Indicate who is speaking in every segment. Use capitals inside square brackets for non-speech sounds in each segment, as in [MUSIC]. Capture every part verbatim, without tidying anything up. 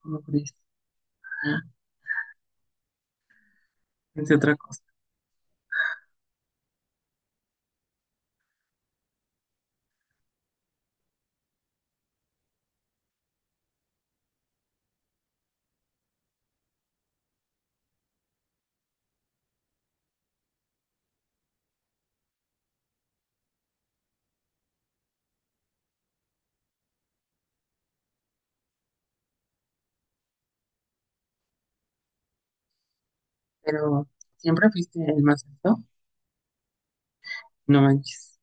Speaker 1: Como turista, entre otra cosa. Pero siempre fuiste el más alto, no manches.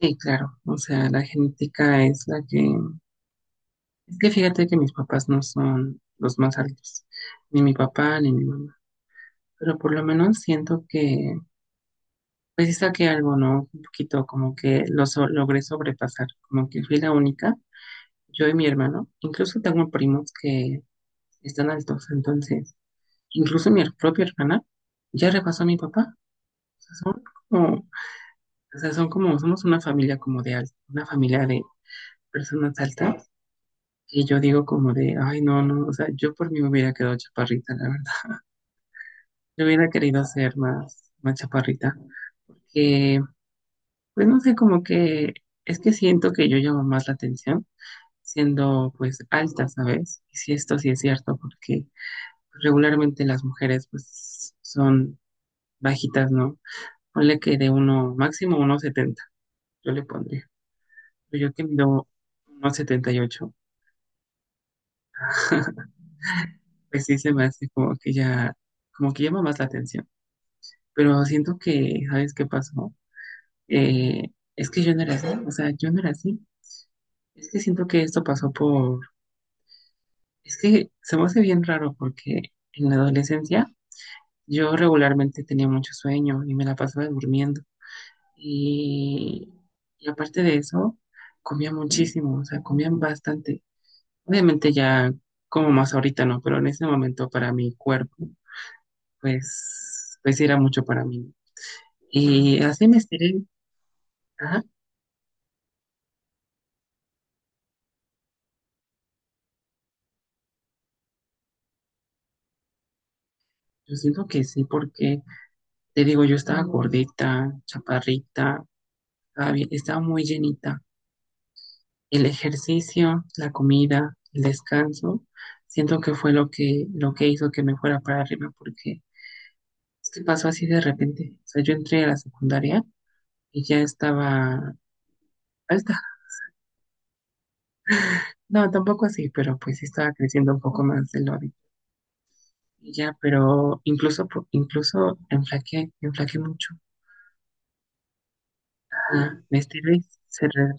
Speaker 1: Sí, claro, o sea, la genética es la que... Es que fíjate que mis papás no son los más altos, ni mi papá ni mi mamá, pero por lo menos siento que, pues sí saqué algo, ¿no? Un poquito como que lo so- logré sobrepasar, como que fui la única, yo y mi hermano, incluso tengo primos que están altos, entonces, incluso mi propia hermana ya repasó a mi papá, o sea, son como. O sea, son como, somos una familia como de alta, una familia de personas altas. Y yo digo como de, ay, no, no, o sea, yo por mí me hubiera quedado chaparrita, la verdad. [LAUGHS] Yo hubiera querido ser más, más chaparrita. Que, pues no sé, como que es que siento que yo llamo más la atención siendo pues alta, ¿sabes? Y si esto sí es cierto, porque regularmente las mujeres pues son bajitas, ¿no? Ponle que de uno, máximo uno setenta yo le pondría. Pero yo que mido uno setenta y ocho. [LAUGHS] Pues sí se me hace como que ya, como que llama más la atención. Pero siento que, ¿sabes qué pasó? Eh, es que yo no era así, o sea, yo no era así. Es que siento que esto pasó por, es que se me hace bien raro porque en la adolescencia yo regularmente tenía mucho sueño y me la pasaba durmiendo. Y, y aparte de eso, comía muchísimo, o sea, comía bastante. Obviamente ya como más ahorita no, pero en ese momento para mi cuerpo, pues, pues era mucho para mí, ¿no? Y así me estiré. Ajá. Yo siento que sí, porque te digo, yo estaba gordita, chaparrita, estaba, bien- estaba muy llenita. El ejercicio, la comida, el descanso, siento que fue lo que, lo que hizo que me fuera para arriba, porque es que pasó así de repente. O sea, yo entré a la secundaria y ya estaba alta. No, tampoco así, pero pues sí estaba creciendo un poco más de lo habitual. Y ya, pero incluso, po- incluso enflaqué, enflaqué mucho. Ah, míster Luis se, re-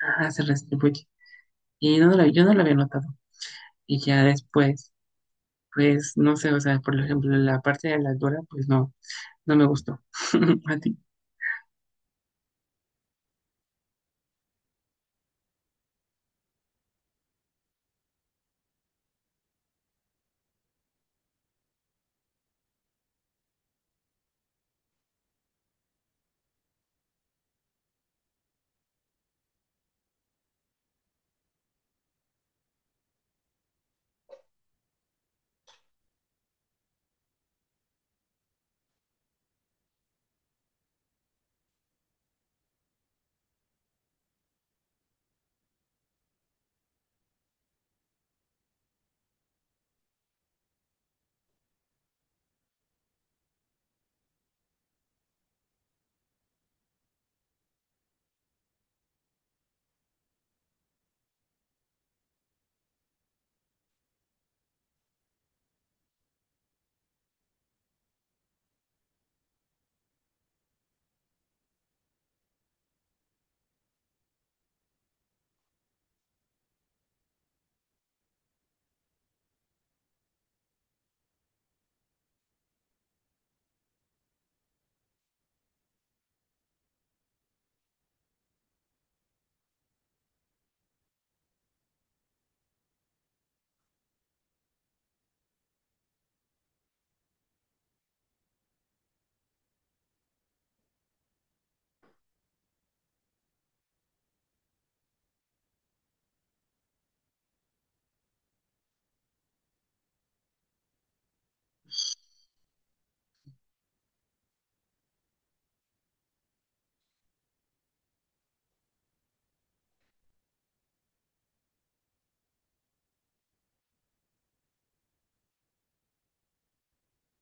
Speaker 1: ajá, se redistribuye. Y no lo- yo no lo había notado. Y ya después, pues no sé, o sea, por ejemplo, la parte de la Dora, pues no, no me gustó. [LAUGHS] A ti.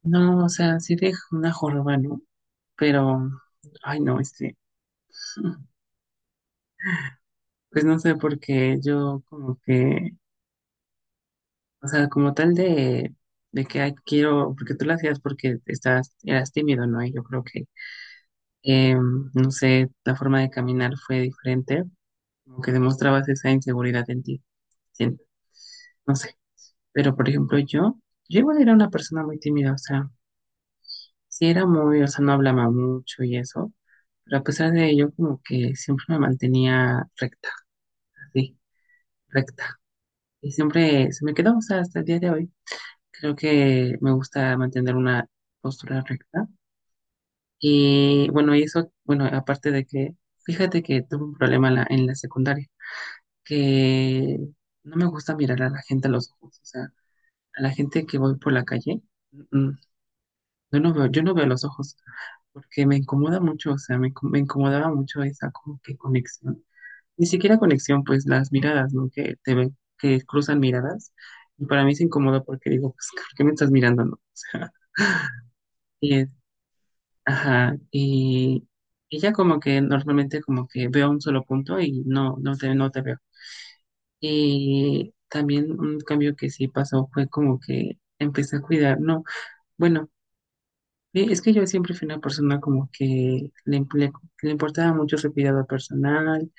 Speaker 1: No, o sea, sí de una joroba, ¿no? Pero, ay, no, este, [LAUGHS] pues no sé, porque yo como que, o sea, como tal de, de que ay, quiero, porque tú lo hacías porque estás, eras tímido, ¿no? Y yo creo que, em, no sé, la forma de caminar fue diferente como que demostrabas esa inseguridad en ti. Siento, no sé. Pero, por ejemplo, yo, yo igual era una persona muy tímida, o sea, sí era muy, o sea, no hablaba mucho y eso, pero a pesar de ello, como que siempre me mantenía recta, así, recta. Y siempre se me quedó, o sea, hasta el día de hoy. Creo que me gusta mantener una postura recta. Y bueno, y eso, bueno, aparte de que, fíjate que tuve un problema en la, en la secundaria, que no me gusta mirar a la gente a los ojos, o sea, a la gente que voy por la calle, mm, mm, yo no veo, yo no veo los ojos, porque me incomoda mucho, o sea, me, inco- me incomodaba mucho esa como que conexión, ni siquiera conexión, pues las miradas, ¿no? Que te ven, que cruzan miradas, y para mí se incomoda porque digo, pues, ¿por qué me estás mirando, no? [LAUGHS] O sea, y, es- ajá, y, y ya como que normalmente como que veo un solo punto y no, no te, no te veo. Y también un cambio que sí pasó fue como que empecé a cuidar, no, bueno, eh, es que yo siempre fui una persona como que le, imp- le- le importaba mucho su cuidado personal,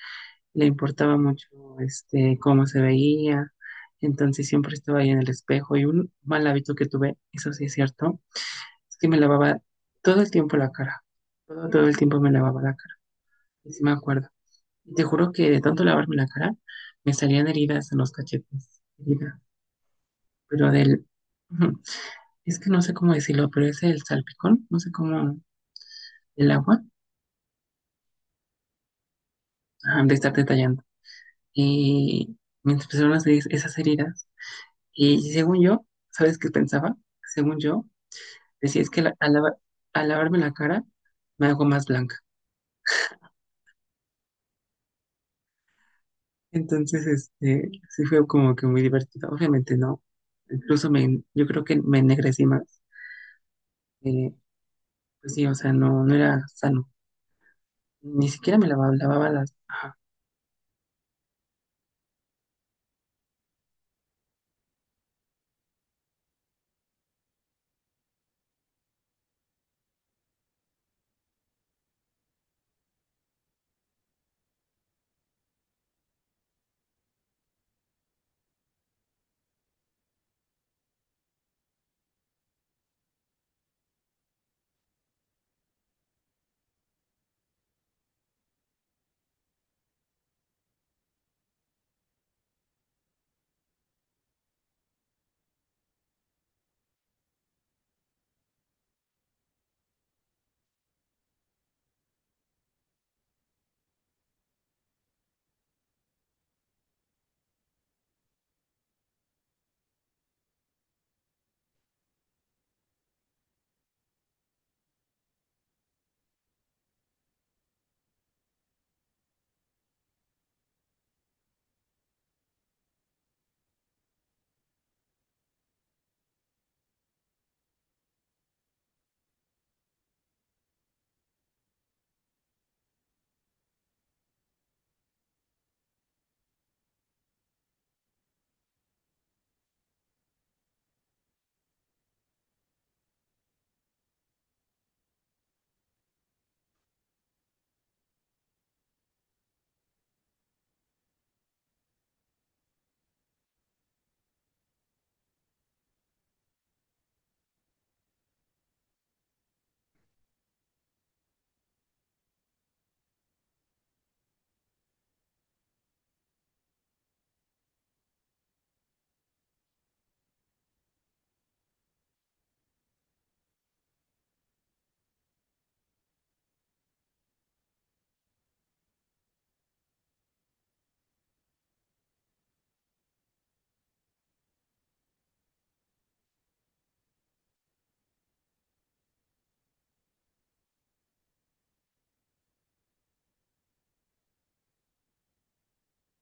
Speaker 1: le importaba mucho este cómo se veía, entonces siempre estaba ahí en el espejo y un mal hábito que tuve, eso sí es cierto, es que me lavaba todo el tiempo la cara, todo, todo el tiempo me lavaba la cara, y sí me acuerdo. Y te juro que de tanto lavarme la cara, me salían heridas en los cachetes, heridas. Pero del, ujú, es que no sé cómo decirlo, pero es el salpicón, no sé cómo, el agua, ah, de estar detallando. Y mientras personas se dicen esas heridas, y según yo, ¿sabes qué pensaba? Según yo, decía es que la- al, lava- al lavarme la cara me hago más blanca. Entonces, este, sí fue como que muy divertido. Obviamente no, incluso me, yo creo que me ennegrecí más. Eh, pues sí, o sea, no, no era sano. Ni siquiera me lavaba, lavaba las,